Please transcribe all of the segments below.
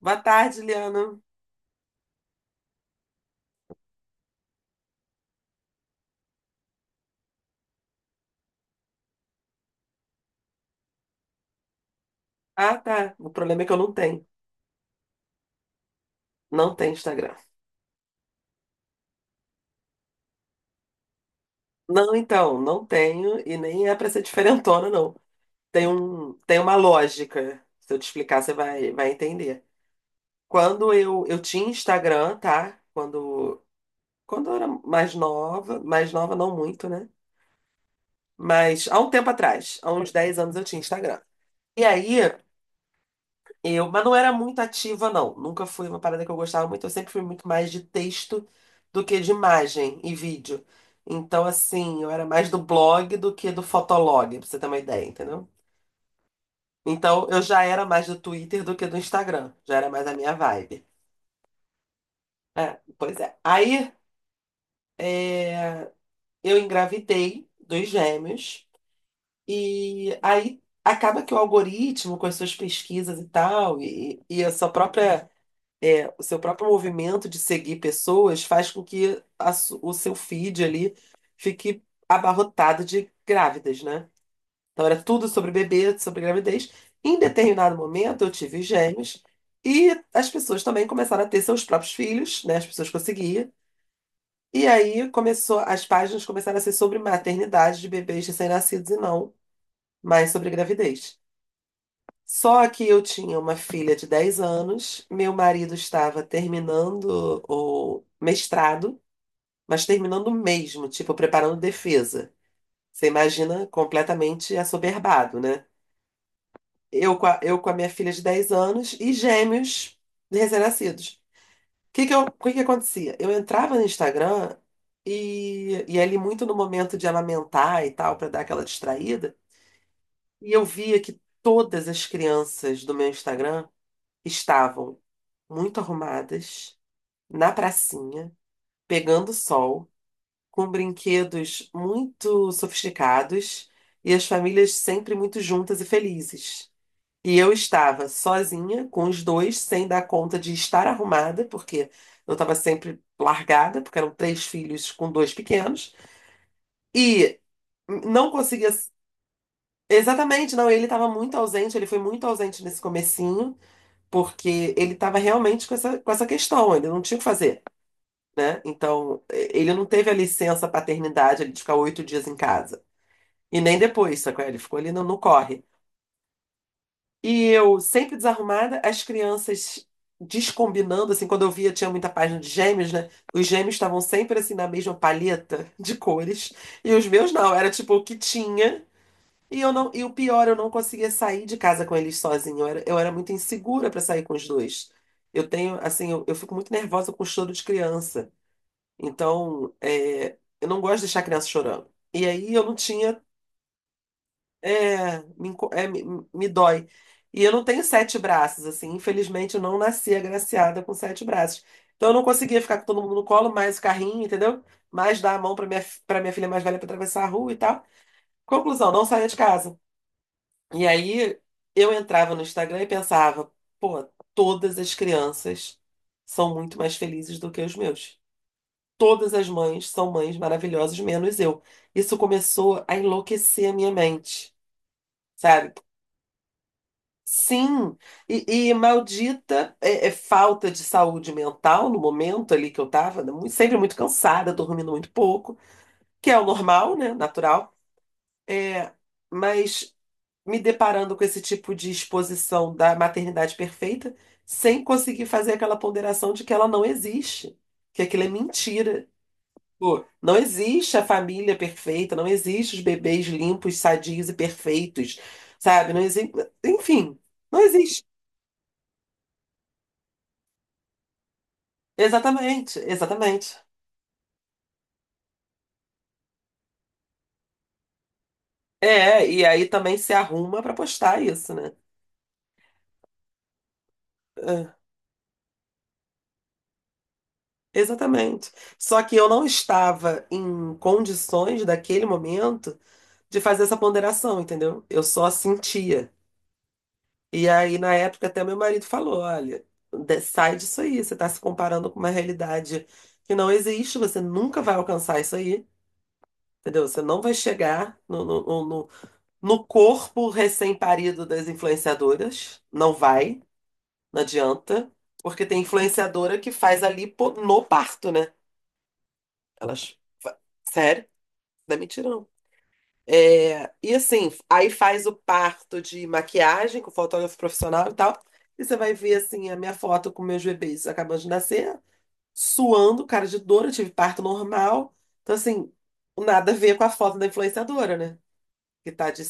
Boa tarde, Liana. Ah, tá. O problema é que eu não tenho. Não tenho Instagram. Não, então, não tenho e nem é pra ser diferentona, não. Tem uma lógica. Se eu te explicar, você vai entender. Quando eu tinha Instagram, tá? Quando eu era mais nova não muito, né? Mas há um tempo atrás, há uns 10 anos eu tinha Instagram. E aí, mas não era muito ativa, não. Nunca fui uma parada que eu gostava muito. Eu sempre fui muito mais de texto do que de imagem e vídeo. Então, assim, eu era mais do blog do que do fotolog, pra você ter uma ideia, entendeu? Então, eu já era mais do Twitter do que do Instagram. Já era mais a minha vibe. É, pois é. Aí, eu engravidei dos gêmeos. E aí, acaba que o algoritmo, com as suas pesquisas e tal, e a sua própria É, o seu próprio movimento de seguir pessoas faz com que o seu feed ali fique abarrotado de grávidas, né? Então era tudo sobre bebê, sobre gravidez. Em determinado momento eu tive gêmeos e as pessoas também começaram a ter seus próprios filhos, né? As pessoas que eu seguia. E aí as páginas começaram a ser sobre maternidade de bebês recém-nascidos e não mais sobre gravidez. Só que eu tinha uma filha de 10 anos, meu marido estava terminando o mestrado, mas terminando mesmo, tipo, preparando defesa. Você imagina completamente assoberbado, né? Eu com a minha filha de 10 anos e gêmeos recém-nascidos. O que que acontecia? Eu entrava no Instagram e, ali muito no momento de amamentar e tal, para dar aquela distraída, e eu via que todas as crianças do meu Instagram estavam muito arrumadas, na pracinha, pegando sol, com brinquedos muito sofisticados e as famílias sempre muito juntas e felizes. E eu estava sozinha, com os dois, sem dar conta de estar arrumada, porque eu estava sempre largada, porque eram três filhos com dois pequenos, e não conseguia. Exatamente, não, ele estava muito ausente, ele foi muito ausente nesse comecinho, porque ele estava realmente com essa questão, ele não tinha o que fazer, né? Então, ele não teve a licença paternidade ali de ficar 8 dias em casa. E nem depois, sacou? Ele ficou ali no corre. E eu, sempre desarrumada, as crianças descombinando, assim, quando eu via, tinha muita página de gêmeos, né? Os gêmeos estavam sempre, assim, na mesma palheta de cores. E os meus não, era tipo o que tinha. E eu não, e o pior, eu não conseguia sair de casa com eles sozinha. Eu era muito insegura para sair com os dois. Eu tenho, assim, eu fico muito nervosa com choro de criança. Então, eu não gosto de deixar a criança chorando. E aí eu não tinha. É, me, enco- é, me dói. E eu não tenho sete braços, assim. Infelizmente, eu não nasci agraciada com sete braços. Então, eu não conseguia ficar com todo mundo no colo, mais o carrinho, entendeu? Mais dar a mão para minha filha mais velha para atravessar a rua e tal. Conclusão, não saía de casa. E aí eu entrava no Instagram e pensava: pô, todas as crianças são muito mais felizes do que os meus. Todas as mães são mães maravilhosas, menos eu. Isso começou a enlouquecer a minha mente, sabe? Sim, e, maldita é falta de saúde mental no momento ali que eu tava, sempre muito cansada, dormindo muito pouco, que é o normal, né? Natural. É, mas me deparando com esse tipo de exposição da maternidade perfeita, sem conseguir fazer aquela ponderação de que ela não existe, que aquilo é mentira. Pô, não existe a família perfeita, não existe os bebês limpos, sadios e perfeitos, sabe? Não existe, enfim, não existe. Exatamente, exatamente. É, e aí também se arruma para postar isso, né? É, exatamente. Só que eu não estava em condições daquele momento de fazer essa ponderação, entendeu? Eu só sentia. E aí, na época, até meu marido falou: olha, sai disso aí, você está se comparando com uma realidade que não existe, você nunca vai alcançar isso aí, entendeu? Você não vai chegar no corpo recém-parido das influenciadoras, não vai, não adianta, porque tem influenciadora que faz ali no parto, né? Elas. Sério? Não é mentira, não. É, e assim, aí faz o parto de maquiagem com fotógrafo profissional e tal. E você vai ver assim a minha foto com meus bebês acabando de nascer, suando, cara de dor, eu tive parto normal. Então assim, nada a ver com a foto da influenciadora, né? Que tá de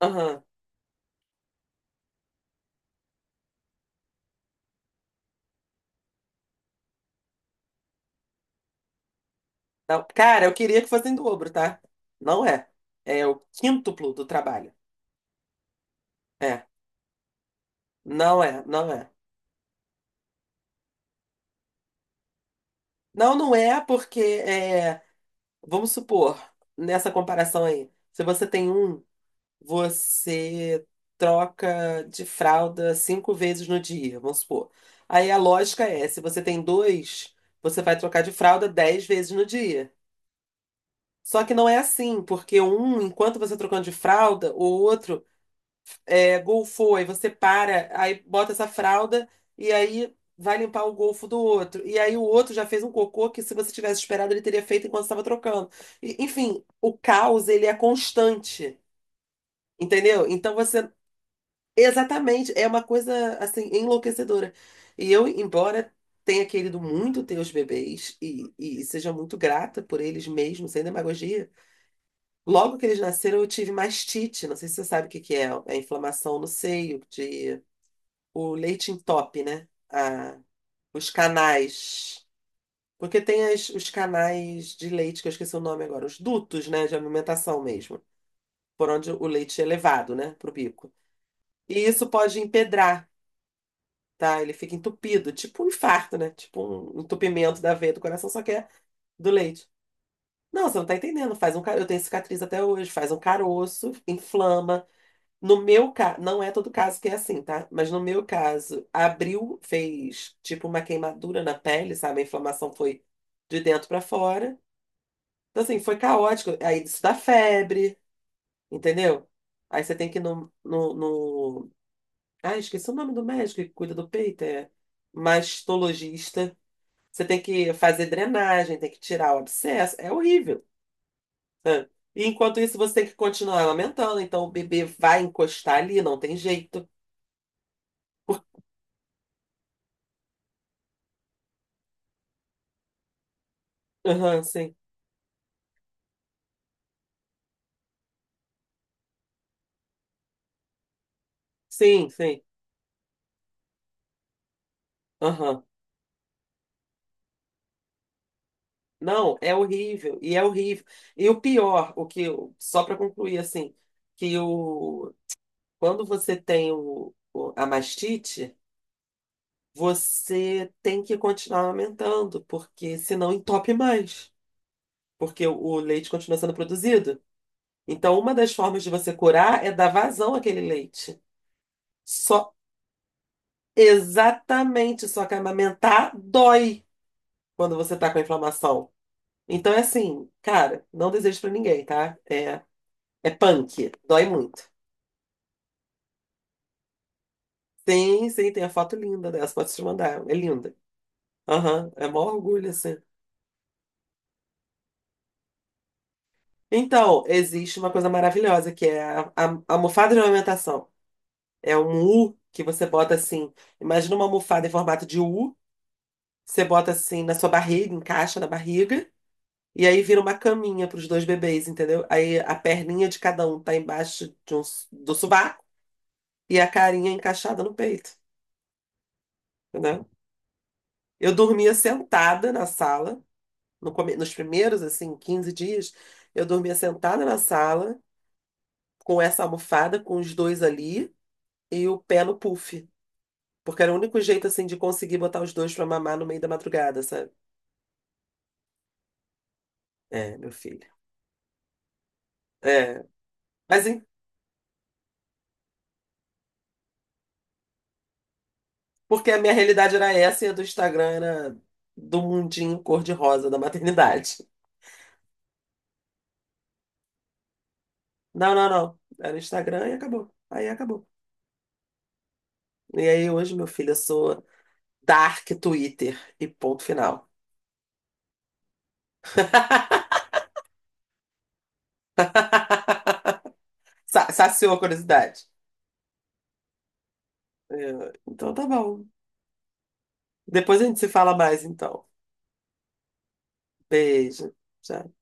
Aham. Não, Cara, eu queria que fosse em dobro, tá? Não é. É o quíntuplo do trabalho. É. Não é, não é. Não, não é porque é, vamos supor, nessa comparação aí, se você tem um, você troca de fralda 5 vezes no dia, vamos supor. Aí a lógica é, se você tem dois, você vai trocar de fralda 10 vezes no dia. Só que não é assim, porque um, enquanto você trocando de fralda, o outro golfou, aí você para, aí bota essa fralda e aí vai limpar o golfo do outro. E aí o outro já fez um cocô que se você tivesse esperado ele teria feito enquanto estava trocando. E, enfim, o caos ele é constante. Entendeu? Então você Exatamente, é uma coisa assim enlouquecedora. E eu, embora tenha querido muito ter os bebês e, seja muito grata por eles mesmo, sem demagogia, logo que eles nasceram eu tive mastite. Não sei se você sabe o que que é inflamação no seio, de o leite entope, né? Os canais. Porque tem os canais de leite, que eu esqueci o nome agora, os dutos, né, de alimentação mesmo, por onde o leite é levado, né, pro bico. E isso pode empedrar. Tá? Ele fica entupido, tipo um infarto, né? Tipo um entupimento da veia do coração, só que é do leite. Não, você não tá entendendo. Eu tenho cicatriz até hoje, faz um caroço, inflama. No meu caso, não é todo caso que é assim, tá? Mas no meu caso, abriu, fez tipo uma queimadura na pele, sabe? A inflamação foi de dentro pra fora. Então, assim, foi caótico. Aí isso dá febre, entendeu? Aí você tem que ir no, no, no... Ah, esqueci o nome do médico que cuida do peito, é mastologista. Você tem que fazer drenagem, tem que tirar o abscesso. É horrível. Sabe? E enquanto isso, você tem que continuar amamentando. Então, o bebê vai encostar ali, não tem jeito. Aham, sim. Sim, sim. Aham. Não, é horrível. E é horrível. E o pior, só para concluir, assim, que o, quando você tem a mastite, você tem que continuar amamentando, porque senão entope mais. Porque o leite continua sendo produzido. Então, uma das formas de você curar é dar vazão àquele leite. Só Exatamente, só que amamentar dói quando você tá com a inflamação. Então é assim, cara, não desejo pra ninguém, tá? É punk, dói muito. Sim, sim, tem a foto linda dessa, posso te mandar, é linda. Aham, é mó orgulho, assim. Então, existe uma coisa maravilhosa que é a almofada de amamentação. É um U que você bota assim, imagina uma almofada em formato de U. Você bota assim na sua barriga, encaixa na barriga, e aí vira uma caminha para os dois bebês, entendeu? Aí a perninha de cada um tá embaixo de do sovaco e a carinha encaixada no peito, entendeu? Eu dormia sentada na sala, no come- nos primeiros, assim, 15 dias, eu dormia sentada na sala, com essa almofada, com os dois ali, e o pé no puff. Porque era o único jeito, assim, de conseguir botar os dois pra mamar no meio da madrugada, sabe? É, meu filho. É. Mas Porque a minha realidade era essa e a do Instagram era do mundinho cor-de-rosa da maternidade. Não, não, não. Era Instagram e acabou. Aí acabou. E aí hoje, meu filho, eu sou Dark Twitter e ponto final. Saciou a curiosidade. É. Então tá bom. Depois a gente se fala mais, então. Beijo. Tchau.